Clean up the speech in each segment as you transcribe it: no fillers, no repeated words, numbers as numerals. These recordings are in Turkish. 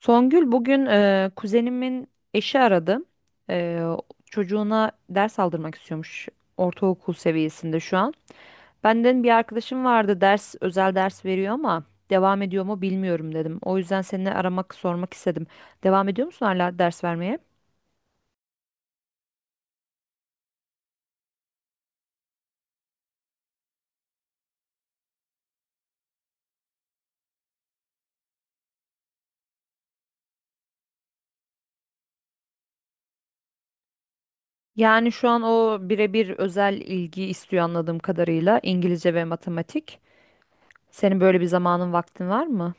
Songül bugün kuzenimin eşi aradı. Eee, Çocuğuna ders aldırmak istiyormuş ortaokul seviyesinde şu an. Benden bir arkadaşım vardı ders özel ders veriyor ama devam ediyor mu bilmiyorum dedim. O yüzden seni aramak sormak istedim. Devam ediyor musun hala ders vermeye? Yani şu an o birebir özel ilgi istiyor anladığım kadarıyla İngilizce ve matematik. Senin böyle bir zamanın vaktin var mı?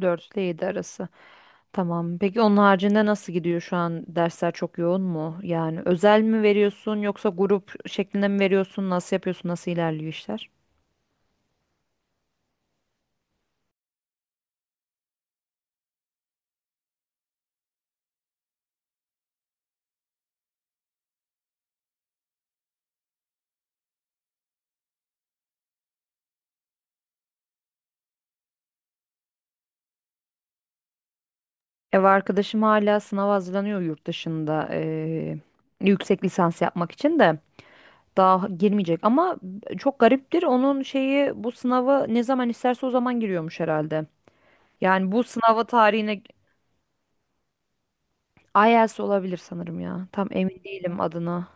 4 ile 7 arası. Tamam. Peki onun haricinde nasıl gidiyor şu an? Dersler çok yoğun mu? Yani özel mi veriyorsun yoksa grup şeklinde mi veriyorsun? Nasıl yapıyorsun? Nasıl ilerliyor işler? Ev arkadaşım hala sınava hazırlanıyor yurt dışında yüksek lisans yapmak için de daha girmeyecek ama çok gariptir onun şeyi bu sınava ne zaman isterse o zaman giriyormuş herhalde. Yani bu sınava tarihine IELTS olabilir sanırım ya. Tam emin değilim adına.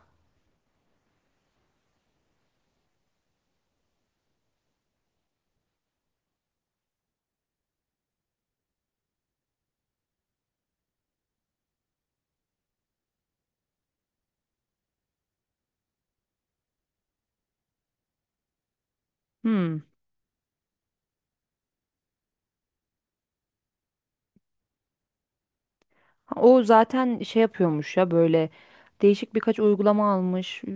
Hmm. O zaten şey yapıyormuş ya böyle değişik birkaç uygulama almış.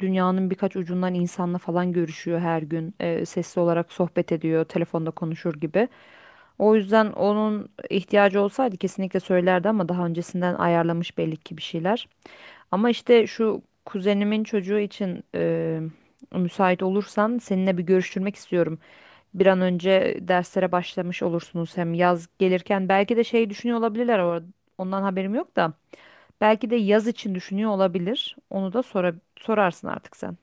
Dünyanın birkaç ucundan insanla falan görüşüyor her gün. Sesli olarak sohbet ediyor, telefonda konuşur gibi. O yüzden onun ihtiyacı olsaydı kesinlikle söylerdi ama daha öncesinden ayarlamış belli ki bir şeyler. Ama işte şu kuzenimin çocuğu için müsait olursan seninle bir görüştürmek istiyorum. Bir an önce derslere başlamış olursunuz hem yaz gelirken belki de şey düşünüyor olabilirler ondan haberim yok da belki de yaz için düşünüyor olabilir. Onu da sora sorarsın artık sen.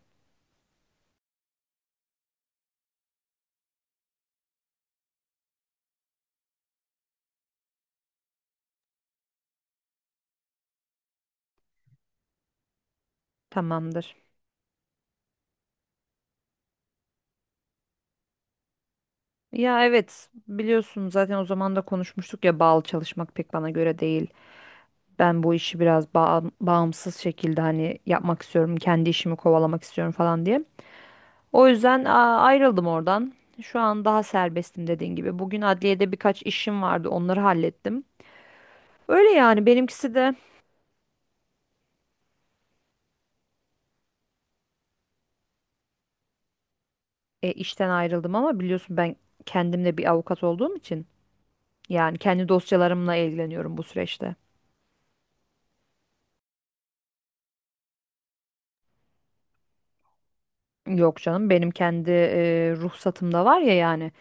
Tamamdır. Ya evet biliyorsun zaten o zaman da konuşmuştuk ya bağlı çalışmak pek bana göre değil. Ben bu işi biraz bağımsız şekilde hani yapmak istiyorum, kendi işimi kovalamak istiyorum falan diye. O yüzden ayrıldım oradan. Şu an daha serbestim dediğin gibi. Bugün adliyede birkaç işim vardı, onları hallettim. Öyle yani benimkisi de işten ayrıldım ama biliyorsun ben kendimde bir avukat olduğum için yani kendi dosyalarımla ilgileniyorum bu süreçte. Yok canım benim kendi ruhsatımda var ya yani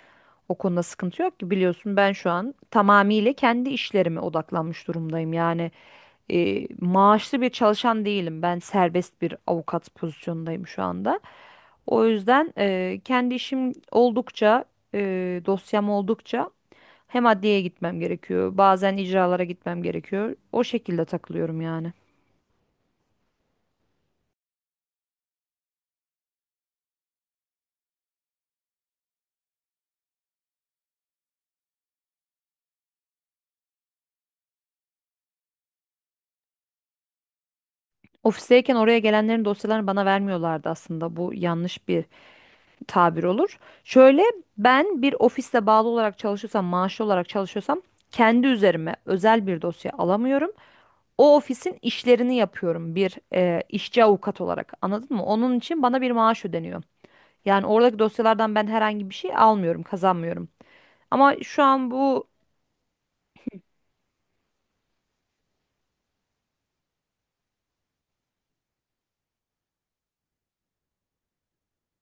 o konuda sıkıntı yok ki biliyorsun ben şu an tamamıyla kendi işlerime odaklanmış durumdayım. Yani maaşlı bir çalışan değilim ben serbest bir avukat pozisyondayım şu anda. O yüzden kendi işim oldukça, dosyam oldukça hem adliyeye gitmem gerekiyor. Bazen icralara gitmem gerekiyor. O şekilde takılıyorum yani. Ofisteyken oraya gelenlerin dosyalarını bana vermiyorlardı aslında. Bu yanlış bir tabir olur. Şöyle ben bir ofiste bağlı olarak çalışıyorsam, maaşlı olarak çalışıyorsam kendi üzerime özel bir dosya alamıyorum. O ofisin işlerini yapıyorum bir işçi avukat olarak. Anladın mı? Onun için bana bir maaş ödeniyor. Yani oradaki dosyalardan ben herhangi bir şey almıyorum, kazanmıyorum. Ama şu an bu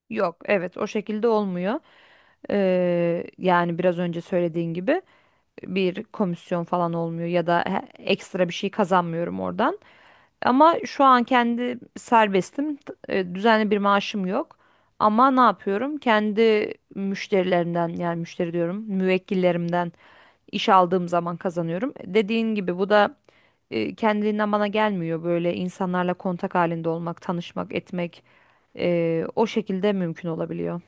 yok. Evet, o şekilde olmuyor. Yani biraz önce söylediğin gibi bir komisyon falan olmuyor ya da ekstra bir şey kazanmıyorum oradan. Ama şu an kendi serbestim. Düzenli bir maaşım yok. Ama ne yapıyorum? Kendi müşterilerimden yani müşteri diyorum, müvekkillerimden iş aldığım zaman kazanıyorum. Dediğin gibi bu da kendiliğinden bana gelmiyor. Böyle insanlarla kontak halinde olmak, tanışmak, etmek o şekilde mümkün olabiliyor.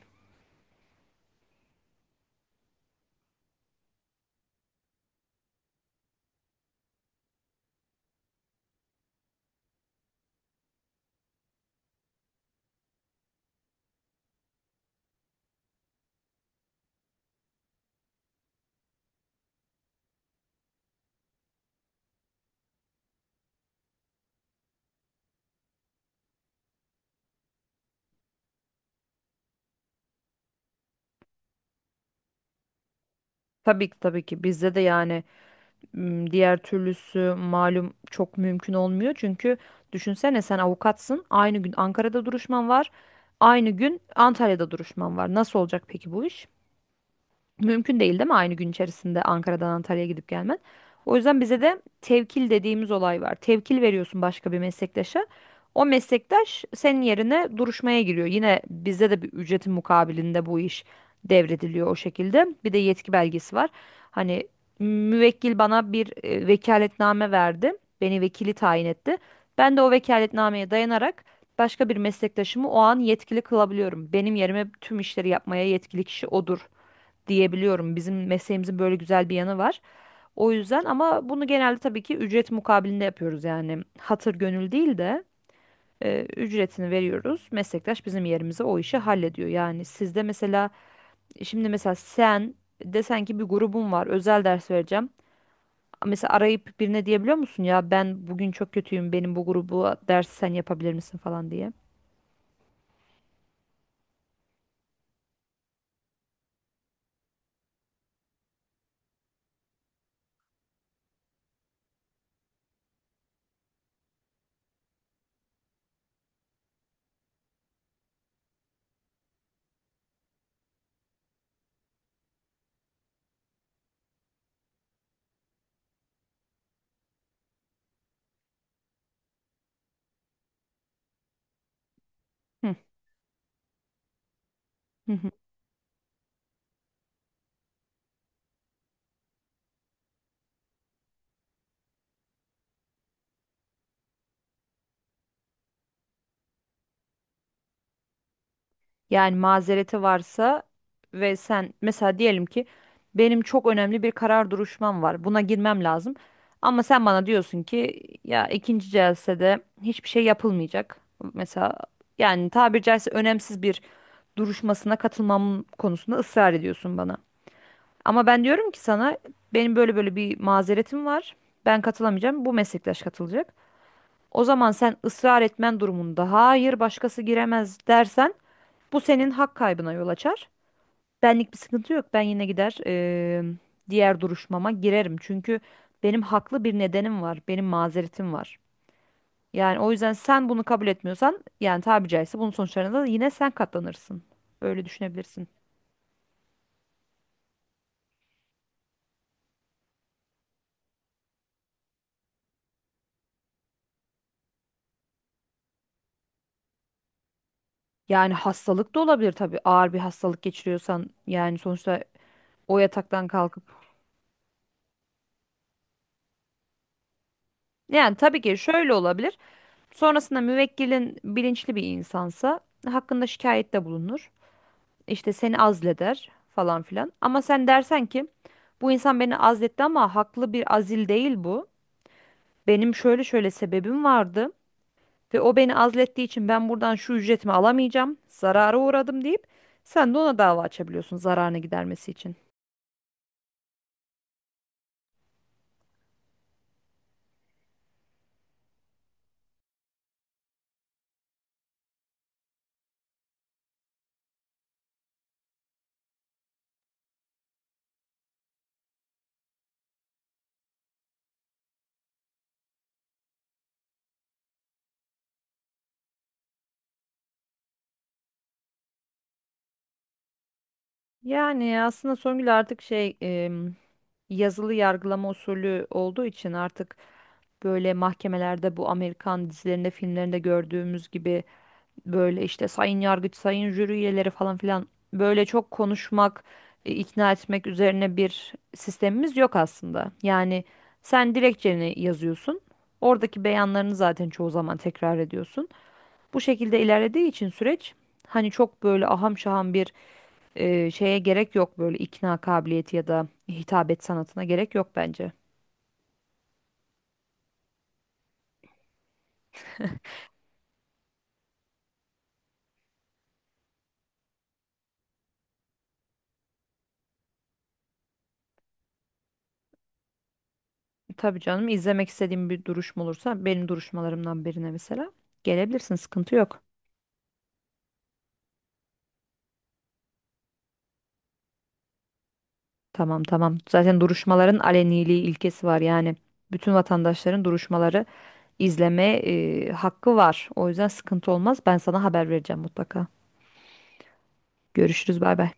Tabii ki tabii ki bizde de yani diğer türlüsü malum çok mümkün olmuyor. Çünkü düşünsene sen avukatsın. Aynı gün Ankara'da duruşman var. Aynı gün Antalya'da duruşman var. Nasıl olacak peki bu iş? Mümkün değil değil mi aynı gün içerisinde Ankara'dan Antalya'ya gidip gelmen? O yüzden bize de tevkil dediğimiz olay var. Tevkil veriyorsun başka bir meslektaşa. O meslektaş senin yerine duruşmaya giriyor. Yine bizde de bir ücretin mukabilinde bu iş devrediliyor o şekilde. Bir de yetki belgesi var. Hani müvekkil bana bir vekaletname verdi. Beni vekili tayin etti. Ben de o vekaletnameye dayanarak başka bir meslektaşımı o an yetkili kılabiliyorum. Benim yerime tüm işleri yapmaya yetkili kişi odur diyebiliyorum. Bizim mesleğimizin böyle güzel bir yanı var. O yüzden ama bunu genelde tabii ki ücret mukabilinde yapıyoruz yani hatır gönül değil de ücretini veriyoruz. Meslektaş bizim yerimize o işi hallediyor. Yani sizde mesela şimdi mesela sen desen ki bir grubum var özel ders vereceğim. Mesela arayıp birine diyebiliyor musun ya ben bugün çok kötüyüm benim bu grubu dersi sen yapabilir misin falan diye. Hı. Yani mazereti varsa ve sen mesela diyelim ki benim çok önemli bir karar duruşmam var. Buna girmem lazım. Ama sen bana diyorsun ki ya ikinci celsede hiçbir şey yapılmayacak. Mesela yani tabiri caizse önemsiz bir duruşmasına katılmam konusunda ısrar ediyorsun bana. Ama ben diyorum ki sana benim böyle böyle bir mazeretim var. Ben katılamayacağım. Bu meslektaş katılacak. O zaman sen ısrar etmen durumunda hayır başkası giremez dersen bu senin hak kaybına yol açar. Benlik bir sıkıntı yok. Ben yine gider diğer duruşmama girerim. Çünkü benim haklı bir nedenim var. Benim mazeretim var. Yani o yüzden sen bunu kabul etmiyorsan yani tabiri caizse bunun sonuçlarına da yine sen katlanırsın. Öyle düşünebilirsin. Yani hastalık da olabilir tabii. Ağır bir hastalık geçiriyorsan yani sonuçta o yataktan kalkıp. Yani tabii ki şöyle olabilir. Sonrasında müvekkilin bilinçli bir insansa hakkında şikayette bulunur. İşte seni azleder falan filan. Ama sen dersen ki bu insan beni azletti ama haklı bir azil değil bu. Benim şöyle şöyle sebebim vardı ve o beni azlettiği için ben buradan şu ücretimi alamayacağım, zarara uğradım deyip sen de ona dava açabiliyorsun zararını gidermesi için. Yani aslında Songül artık yazılı yargılama usulü olduğu için artık böyle mahkemelerde bu Amerikan dizilerinde, filmlerinde gördüğümüz gibi böyle işte sayın yargıç, sayın jüri üyeleri falan filan böyle çok konuşmak, ikna etmek üzerine bir sistemimiz yok aslında. Yani sen dilekçeni yazıyorsun. Oradaki beyanlarını zaten çoğu zaman tekrar ediyorsun. Bu şekilde ilerlediği için süreç hani çok böyle aham şaham bir şeye gerek yok böyle ikna kabiliyeti ya da hitabet sanatına gerek yok bence. Tabii canım izlemek istediğim bir duruşma olursa benim duruşmalarımdan birine mesela gelebilirsin sıkıntı yok. Tamam tamam. Zaten duruşmaların aleniliği ilkesi var yani. Bütün vatandaşların duruşmaları izleme hakkı var. O yüzden sıkıntı olmaz. Ben sana haber vereceğim mutlaka. Görüşürüz. Bay bay.